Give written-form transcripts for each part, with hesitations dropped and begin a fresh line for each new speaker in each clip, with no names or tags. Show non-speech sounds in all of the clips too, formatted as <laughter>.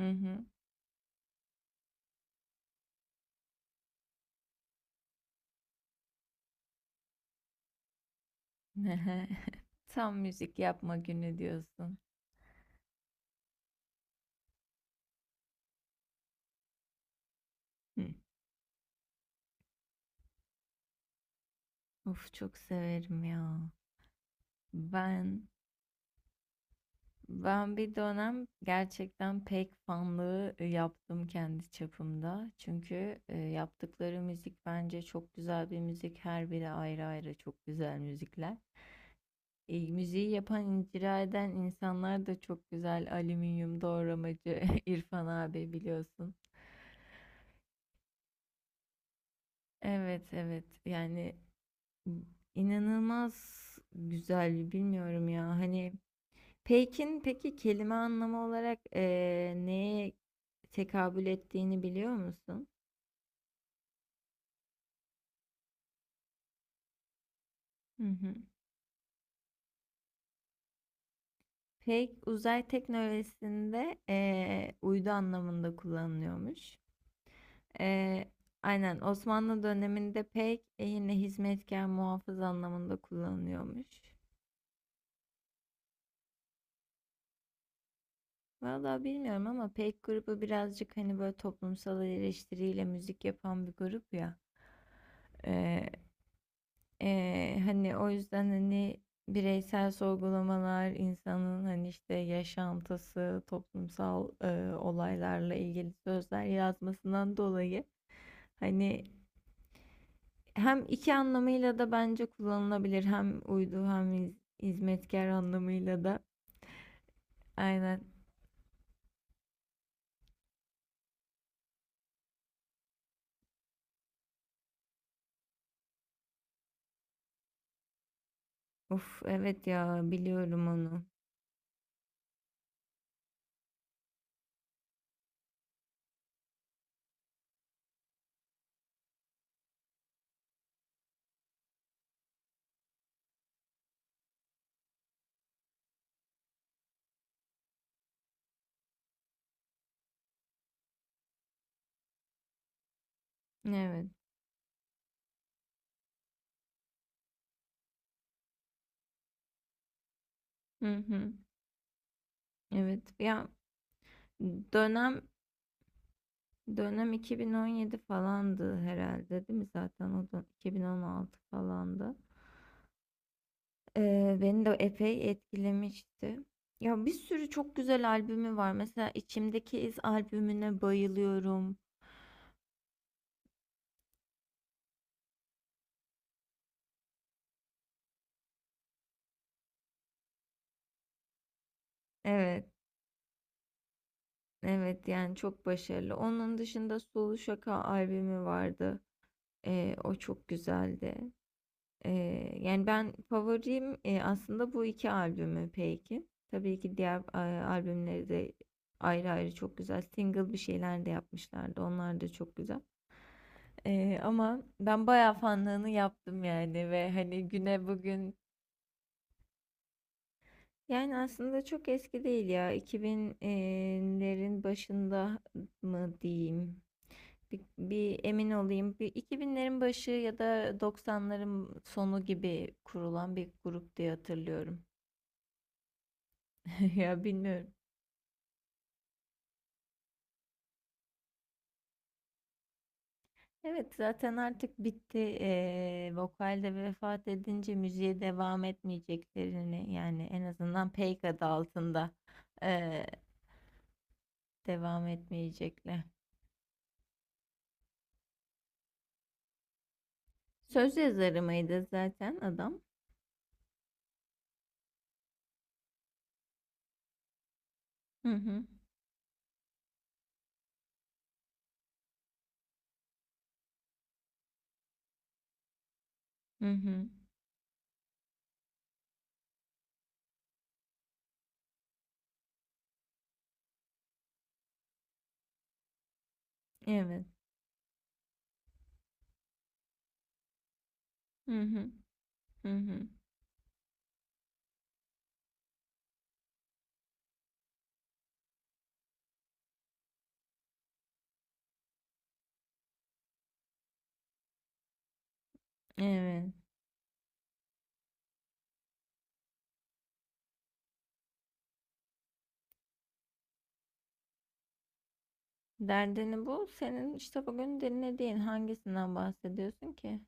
Hı hı. <laughs> Tam müzik yapma günü diyorsun. Hı. Of, çok severim ya. Ben ben bir dönem gerçekten pek fanlığı yaptım kendi çapımda. Çünkü yaptıkları müzik bence çok güzel bir müzik. Her biri ayrı ayrı çok güzel müzikler. Müziği yapan, icra eden insanlar da çok güzel. Alüminyum doğramacı <laughs> İrfan abi biliyorsun. Evet, evet, yani İnanılmaz güzel, bilmiyorum ya. Hani pek'in peki kelime anlamı olarak neye tekabül ettiğini biliyor musun? Hı hı. Peyk uzay teknolojisinde uydu anlamında kullanılıyormuş. Eee, aynen, Osmanlı döneminde pek yine hizmetkar muhafız anlamında kullanılıyormuş. Vallahi bilmiyorum ama pek grubu birazcık hani böyle toplumsal eleştiriyle müzik yapan bir grup ya. Hani, o yüzden, hani, bireysel sorgulamalar, insanın, hani, işte, yaşantısı, toplumsal, olaylarla ilgili sözler yazmasından dolayı, hani, hem 2 anlamıyla da bence kullanılabilir. Hem uydu hem hizmetkâr anlamıyla da. Aynen. Of, evet ya, biliyorum onu. Evet. Hı hı. Evet. Ya, dönem dönem 2017 falandı herhalde, değil mi? Zaten o da 2016 falandı. Beni de epey etkilemişti. Ya, bir sürü çok güzel albümü var. Mesela İçimdeki İz albümüne bayılıyorum. Evet, evet, yani çok başarılı. Onun dışında Sulu Şaka albümü vardı. O çok güzeldi. Yani ben favorim, aslında bu 2 albümü Peki. Tabii ki diğer, albümleri de ayrı ayrı çok güzel. Single bir şeyler de yapmışlardı. Onlar da çok güzel. Ama ben bayağı fanlığını yaptım yani ve hani güne bugün yani aslında çok eski değil ya. 2000'lerin başında mı diyeyim? Bir emin olayım. Bir 2000'lerin başı ya da 90'ların sonu gibi kurulan bir grup diye hatırlıyorum. <laughs> Ya, bilmiyorum. Evet, zaten artık bitti. Vokalde vefat edince müziğe devam etmeyeceklerini, yani en azından Peyk adı altında ee, devam etmeyecekler. Söz yazarı mıydı zaten adam? Hı hı. Hı hı. Evet. Hı hı. Hı hı. Evet. Derdini bu. Senin işte bugün dinlediğin hangisinden bahsediyorsun ki?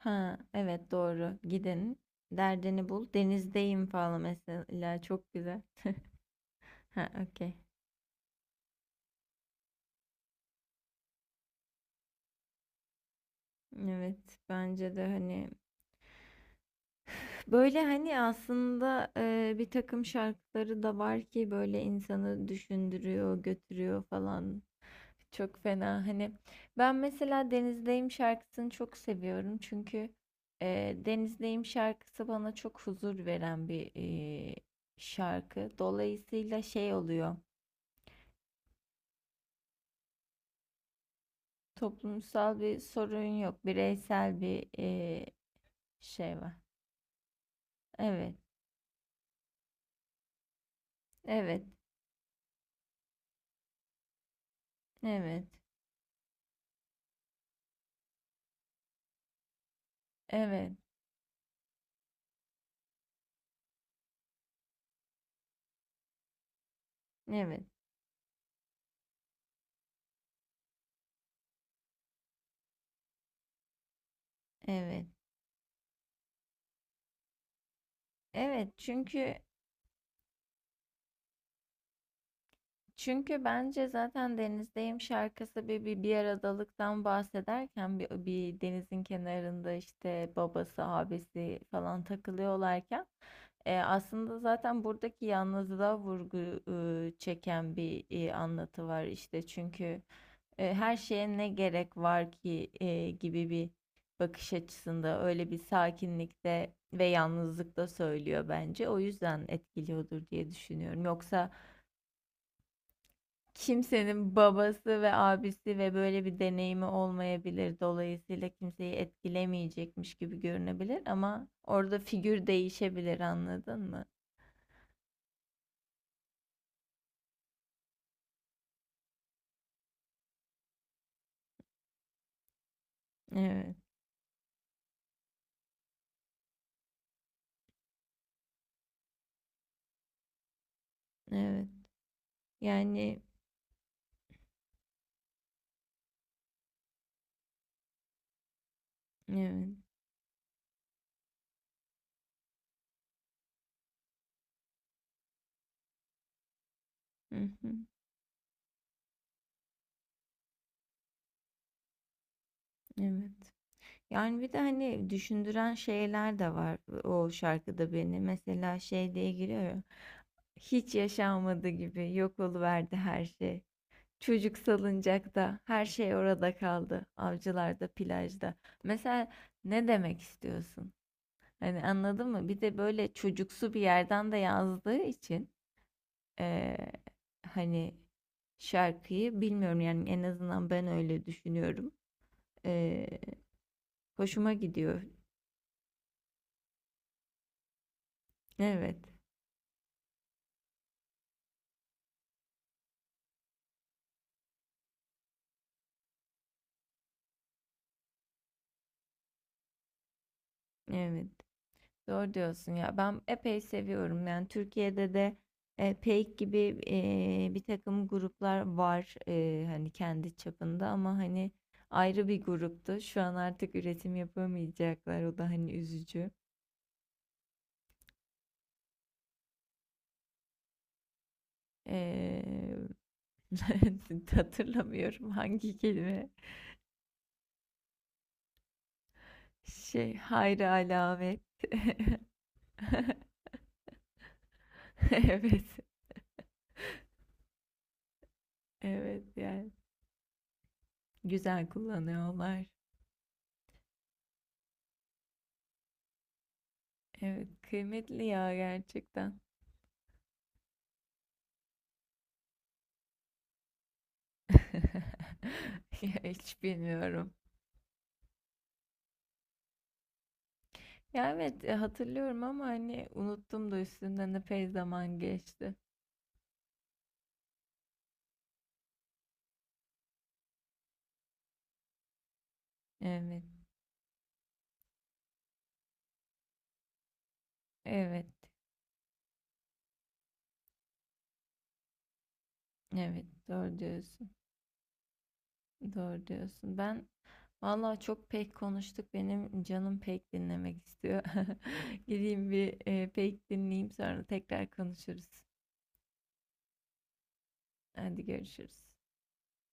Ha, evet, doğru. Gidin. Derdini bul. Denizdeyim falan mesela. Çok güzel. <laughs> Ha, okey. Evet, bence de hani böyle hani aslında bir takım şarkıları da var ki böyle insanı düşündürüyor, götürüyor falan. Çok fena hani, ben mesela Denizdeyim şarkısını çok seviyorum çünkü Denizdeyim şarkısı bana çok huzur veren bir şarkı. Dolayısıyla şey oluyor. Toplumsal bir sorun yok. Bireysel bir şey var. Evet. Evet. Evet. Evet. Evet. Evet. Evet. Çünkü bence zaten denizdeyim şarkısı bir aradalıktan bahsederken bir denizin kenarında işte babası, abisi falan takılıyorlarken aslında zaten buradaki yalnızlığa vurgu çeken bir anlatı var işte çünkü her şeye ne gerek var ki gibi bir bakış açısında öyle bir sakinlikte ve yalnızlıkta söylüyor bence. O yüzden etkiliyordur diye düşünüyorum. Yoksa kimsenin babası ve abisi ve böyle bir deneyimi olmayabilir. Dolayısıyla kimseyi etkilemeyecekmiş gibi görünebilir ama orada figür değişebilir, anladın mı? Evet. Evet. Yani evet. Hı hı. Evet. Yani bir de hani düşündüren şeyler de var o şarkıda beni. Mesela şey diye giriyor ya. Hiç yaşanmadı gibi yok oluverdi her şey. Çocuk salıncakta her şey orada kaldı. Avcılarda, plajda. Mesela ne demek istiyorsun? Hani, anladın mı? Bir de böyle çocuksu bir yerden de yazdığı için eee, hani, şarkıyı bilmiyorum, yani en azından ben öyle düşünüyorum. Eee, Hoşuma gidiyor. Evet, evet. Doğru diyorsun ya. Ben epey seviyorum. Yani Türkiye'de de, PEYK gibi, bir takım gruplar var, hani, kendi çapında ama, hani, ayrı bir gruptu. Şu an artık üretim yapamayacaklar. O da, hani, üzücü. Eee, <laughs> hatırlamıyorum hangi kelime. Şey, hayri alamet. <laughs> Evet, evet, yani güzel kullanıyorlar. Evet, kıymetli ya, gerçekten. <laughs> Ya, hiç bilmiyorum. Ya evet, hatırlıyorum ama hani unuttum, da üstünden epey zaman geçti. Evet, evet, evet, doğru diyorsun, doğru diyorsun. Ben vallahi çok pek konuştuk, benim canım pek dinlemek istiyor. <laughs> Gideyim bir pek dinleyeyim, sonra tekrar konuşuruz. Hadi görüşürüz.